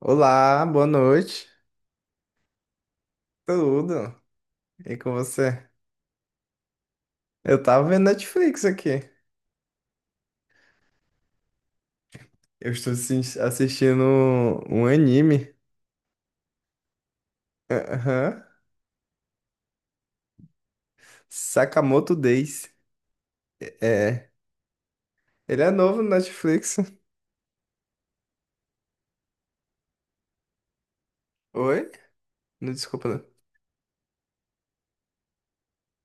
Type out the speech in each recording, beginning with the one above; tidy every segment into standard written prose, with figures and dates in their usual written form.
Olá, boa noite. Tudo? E com você? Eu tava vendo Netflix aqui. Eu estou assistindo um anime. Aham. Sakamoto Days. É. Ele é novo no Netflix. Oi? Não, desculpa. Não.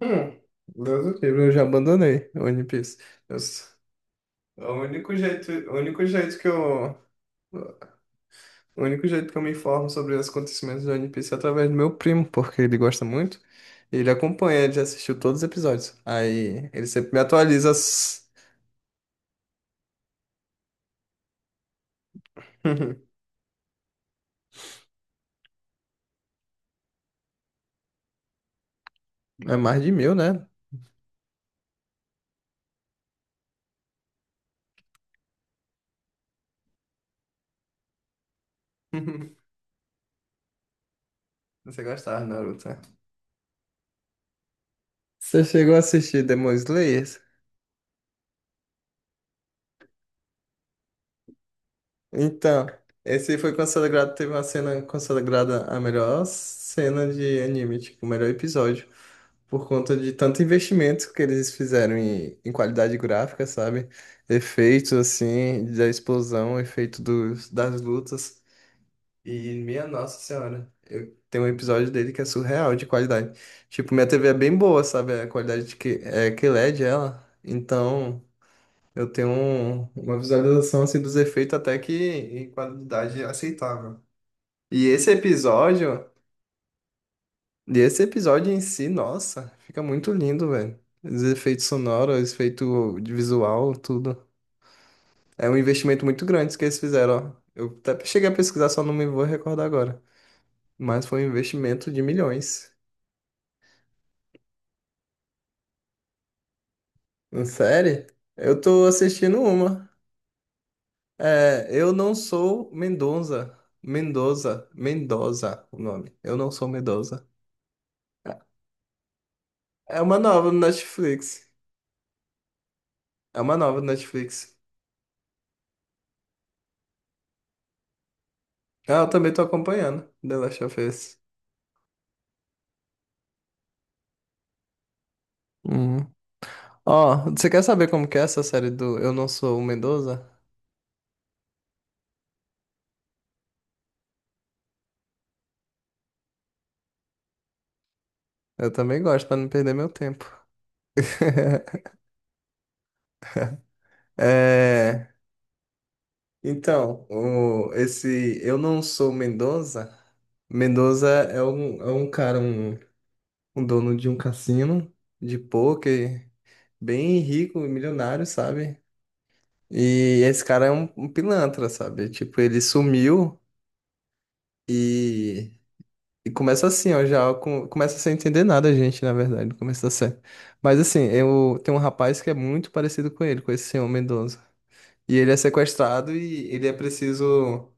Hum, Deus do livro, eu já abandonei o One Piece. Eu s- o único jeito que eu O único jeito que eu me informo sobre os acontecimentos do One Piece é através do meu primo, porque ele gosta muito. E ele acompanha, ele já assistiu todos os episódios. Aí ele sempre me atualiza. As- É mais de mil, né? Você gostava, Naruto? Né? Você chegou a assistir Demon Slayer? Então, esse foi consagrado. Teve uma cena consagrada a melhor cena de anime, tipo, o melhor episódio. Por conta de tanto investimento que eles fizeram em qualidade gráfica, sabe? Efeitos, assim, da explosão, efeito das lutas. E, minha Nossa Senhora, eu tenho um episódio dele que é surreal de qualidade. Tipo, minha TV é bem boa, sabe? A qualidade de que, é que LED ela. Então, eu tenho uma visualização, assim, dos efeitos até que em qualidade aceitável. E esse episódio. E esse episódio em si, nossa, fica muito lindo, velho. Os efeitos sonoros, os efeitos de visual, tudo. É um investimento muito grande que eles fizeram, ó. Eu até cheguei a pesquisar, só não me vou recordar agora. Mas foi um investimento de milhões. Uma série? Eu tô assistindo uma. É, Eu Não Sou Mendonça. Mendoza. Mendoza, o nome. Eu Não Sou Mendoza. É uma nova no Netflix. É uma nova no Netflix. Ah, eu também tô acompanhando The Last of Us. Uhum. Ó, você quer saber como que é essa série do Eu Não Sou o Mendoza? Eu também gosto, pra não perder meu tempo. É, então, esse Eu Não Sou o Mendoza. Mendoza é um cara, um dono de um cassino de pôquer, bem rico, milionário, sabe? E esse cara é um, um pilantra, sabe? Tipo, ele sumiu. E E começa assim, ó, começa sem entender nada a gente, na verdade, no começo da série. Mas assim, eu tem um rapaz que é muito parecido com ele, com esse senhor Mendoza. E ele é sequestrado e ele é preciso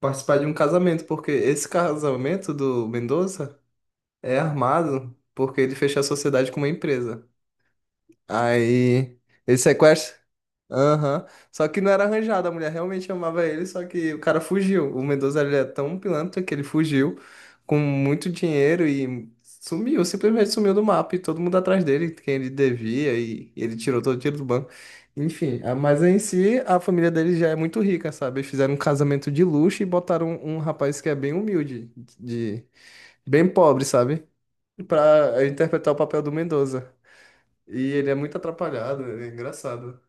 participar de um casamento, porque esse casamento do Mendoza é armado, porque ele fechou a sociedade com uma empresa. Aí ele sequestra. Aham. Só que não era arranjado, a mulher realmente amava ele, só que o cara fugiu. O Mendoza ele é tão pilantra que ele fugiu com muito dinheiro e sumiu, simplesmente sumiu do mapa e todo mundo atrás dele, quem ele devia, e ele tirou todo o dinheiro do banco. Enfim, mas em si a família dele já é muito rica, sabe? Eles fizeram um casamento de luxo e botaram um, um rapaz que é bem humilde, de bem pobre, sabe? Pra interpretar o papel do Mendoza. E ele é muito atrapalhado, ele é engraçado.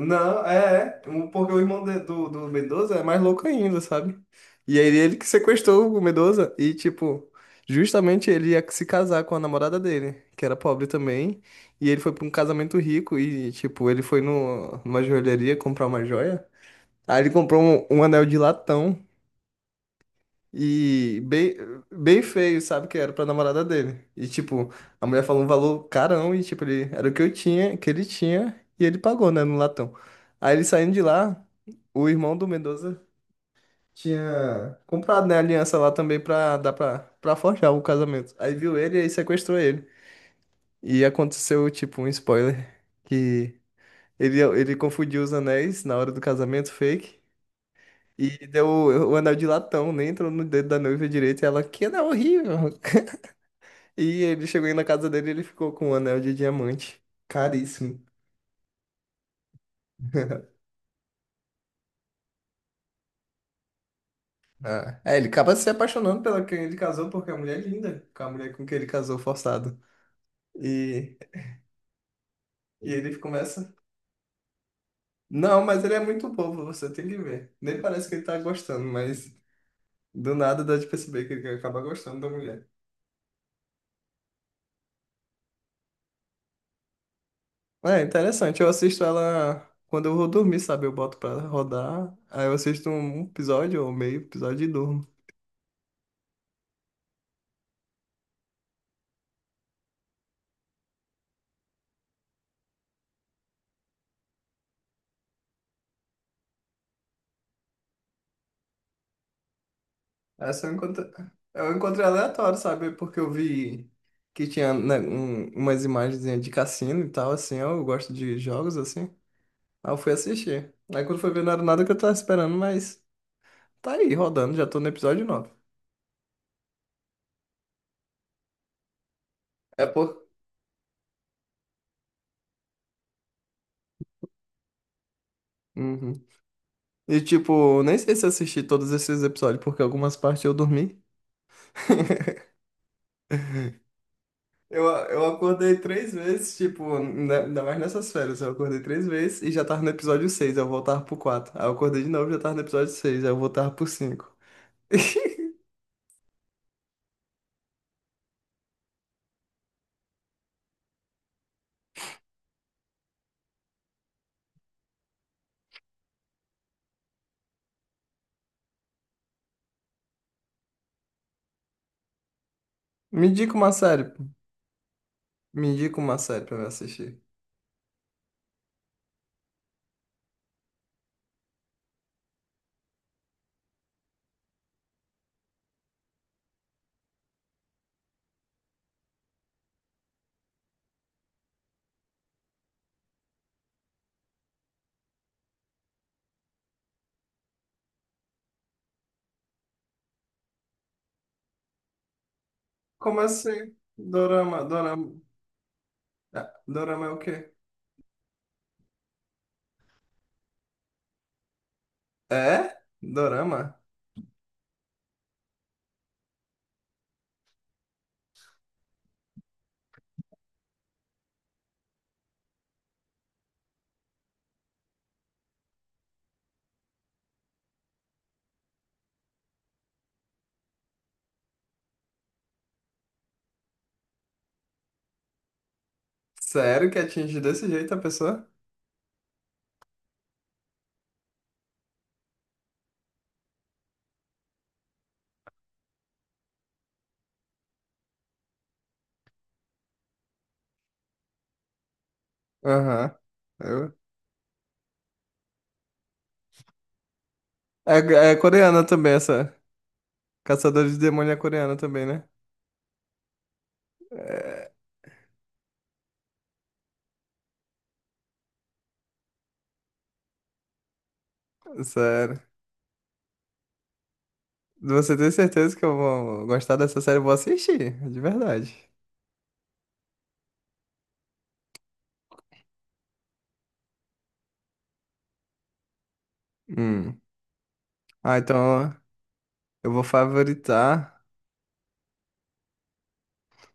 Não, é, é. Porque o irmão do, do Mendoza é mais louco ainda, sabe? E aí ele que sequestrou o Mendoza e, tipo, justamente ele ia se casar com a namorada dele, que era pobre também. E ele foi pra um casamento rico e, tipo, ele foi no, numa joalheria comprar uma joia. Aí ele comprou um, um anel de latão. E bem, bem feio, sabe? Que era pra namorada dele. E, tipo, a mulher falou um valor carão e, tipo, ele, era o que eu tinha, que ele tinha, e ele pagou, né, no latão. Aí ele saindo de lá, o irmão do Mendoza tinha comprado, né, a aliança lá também pra dar pra, pra forjar o casamento. Aí viu ele e aí sequestrou ele. E aconteceu, tipo, um spoiler, que ele confundiu os anéis na hora do casamento fake. E deu o anel de latão, nem entrou no dedo da noiva direito. E ela, que anel horrível! E ele chegou aí na casa dele e ele ficou com um anel de diamante. Caríssimo. Ah. É, ele acaba se apaixonando pela quem ele casou, porque a mulher é linda, com a mulher com quem ele casou forçado. E, e ele começa. Não, mas ele é muito bobo, você tem que ver. Nem parece que ele tá gostando, mas do nada dá de perceber que ele acaba gostando da mulher. É interessante, eu assisto ela quando eu vou dormir, sabe? Eu boto pra rodar, aí eu assisto um episódio ou meio episódio e durmo. Essa eu encontrei aleatório, sabe? Porque eu vi que tinha, né, umas imagens de cassino e tal, assim. Eu gosto de jogos, assim. Aí eu fui assistir. Aí quando foi ver, não era nada que eu tava esperando, mas tá aí, rodando. Já tô no episódio nove. É por... Uhum. E, tipo, nem sei se eu assisti todos esses episódios, porque algumas partes eu dormi. Eu acordei três vezes, tipo, né, ainda mais nessas férias. Eu acordei três vezes e já tava no episódio 6 eu voltava pro quatro. Aí eu acordei de novo e já tava no episódio seis aí eu voltava pro cinco. Me indica uma série, pô. Me indica uma série pra eu assistir. Como assim? Dorama. Ah, Dorama é o quê? É? Dorama? Sério que atinge desse jeito a pessoa? Aham. Eu- É, é coreana também essa. Caçadores de Demônio é coreana também, né? É, sério. Você tem certeza que eu vou gostar dessa série? Eu vou assistir, de verdade. Hum. Ah, então eu vou favoritar.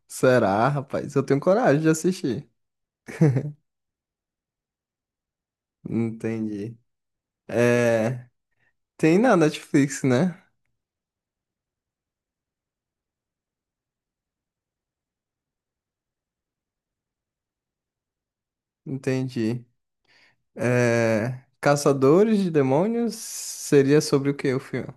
Será, rapaz? Eu tenho coragem de assistir. Entendi. É, tem na Netflix, né? Entendi. É, Caçadores de Demônios seria sobre o quê o filme?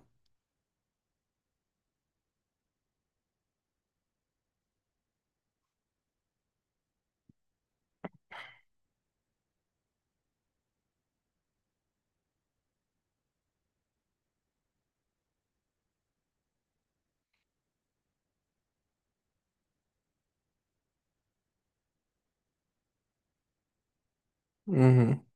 Uhum.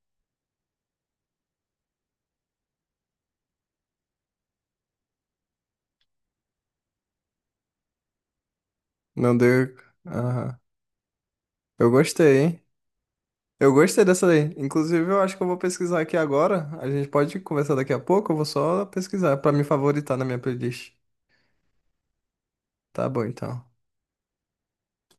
Não deu. Aham. Eu gostei, hein? Eu gostei dessa daí. Inclusive, eu acho que eu vou pesquisar aqui agora. A gente pode conversar daqui a pouco. Eu vou só pesquisar pra me favoritar na minha playlist. Tá bom, então.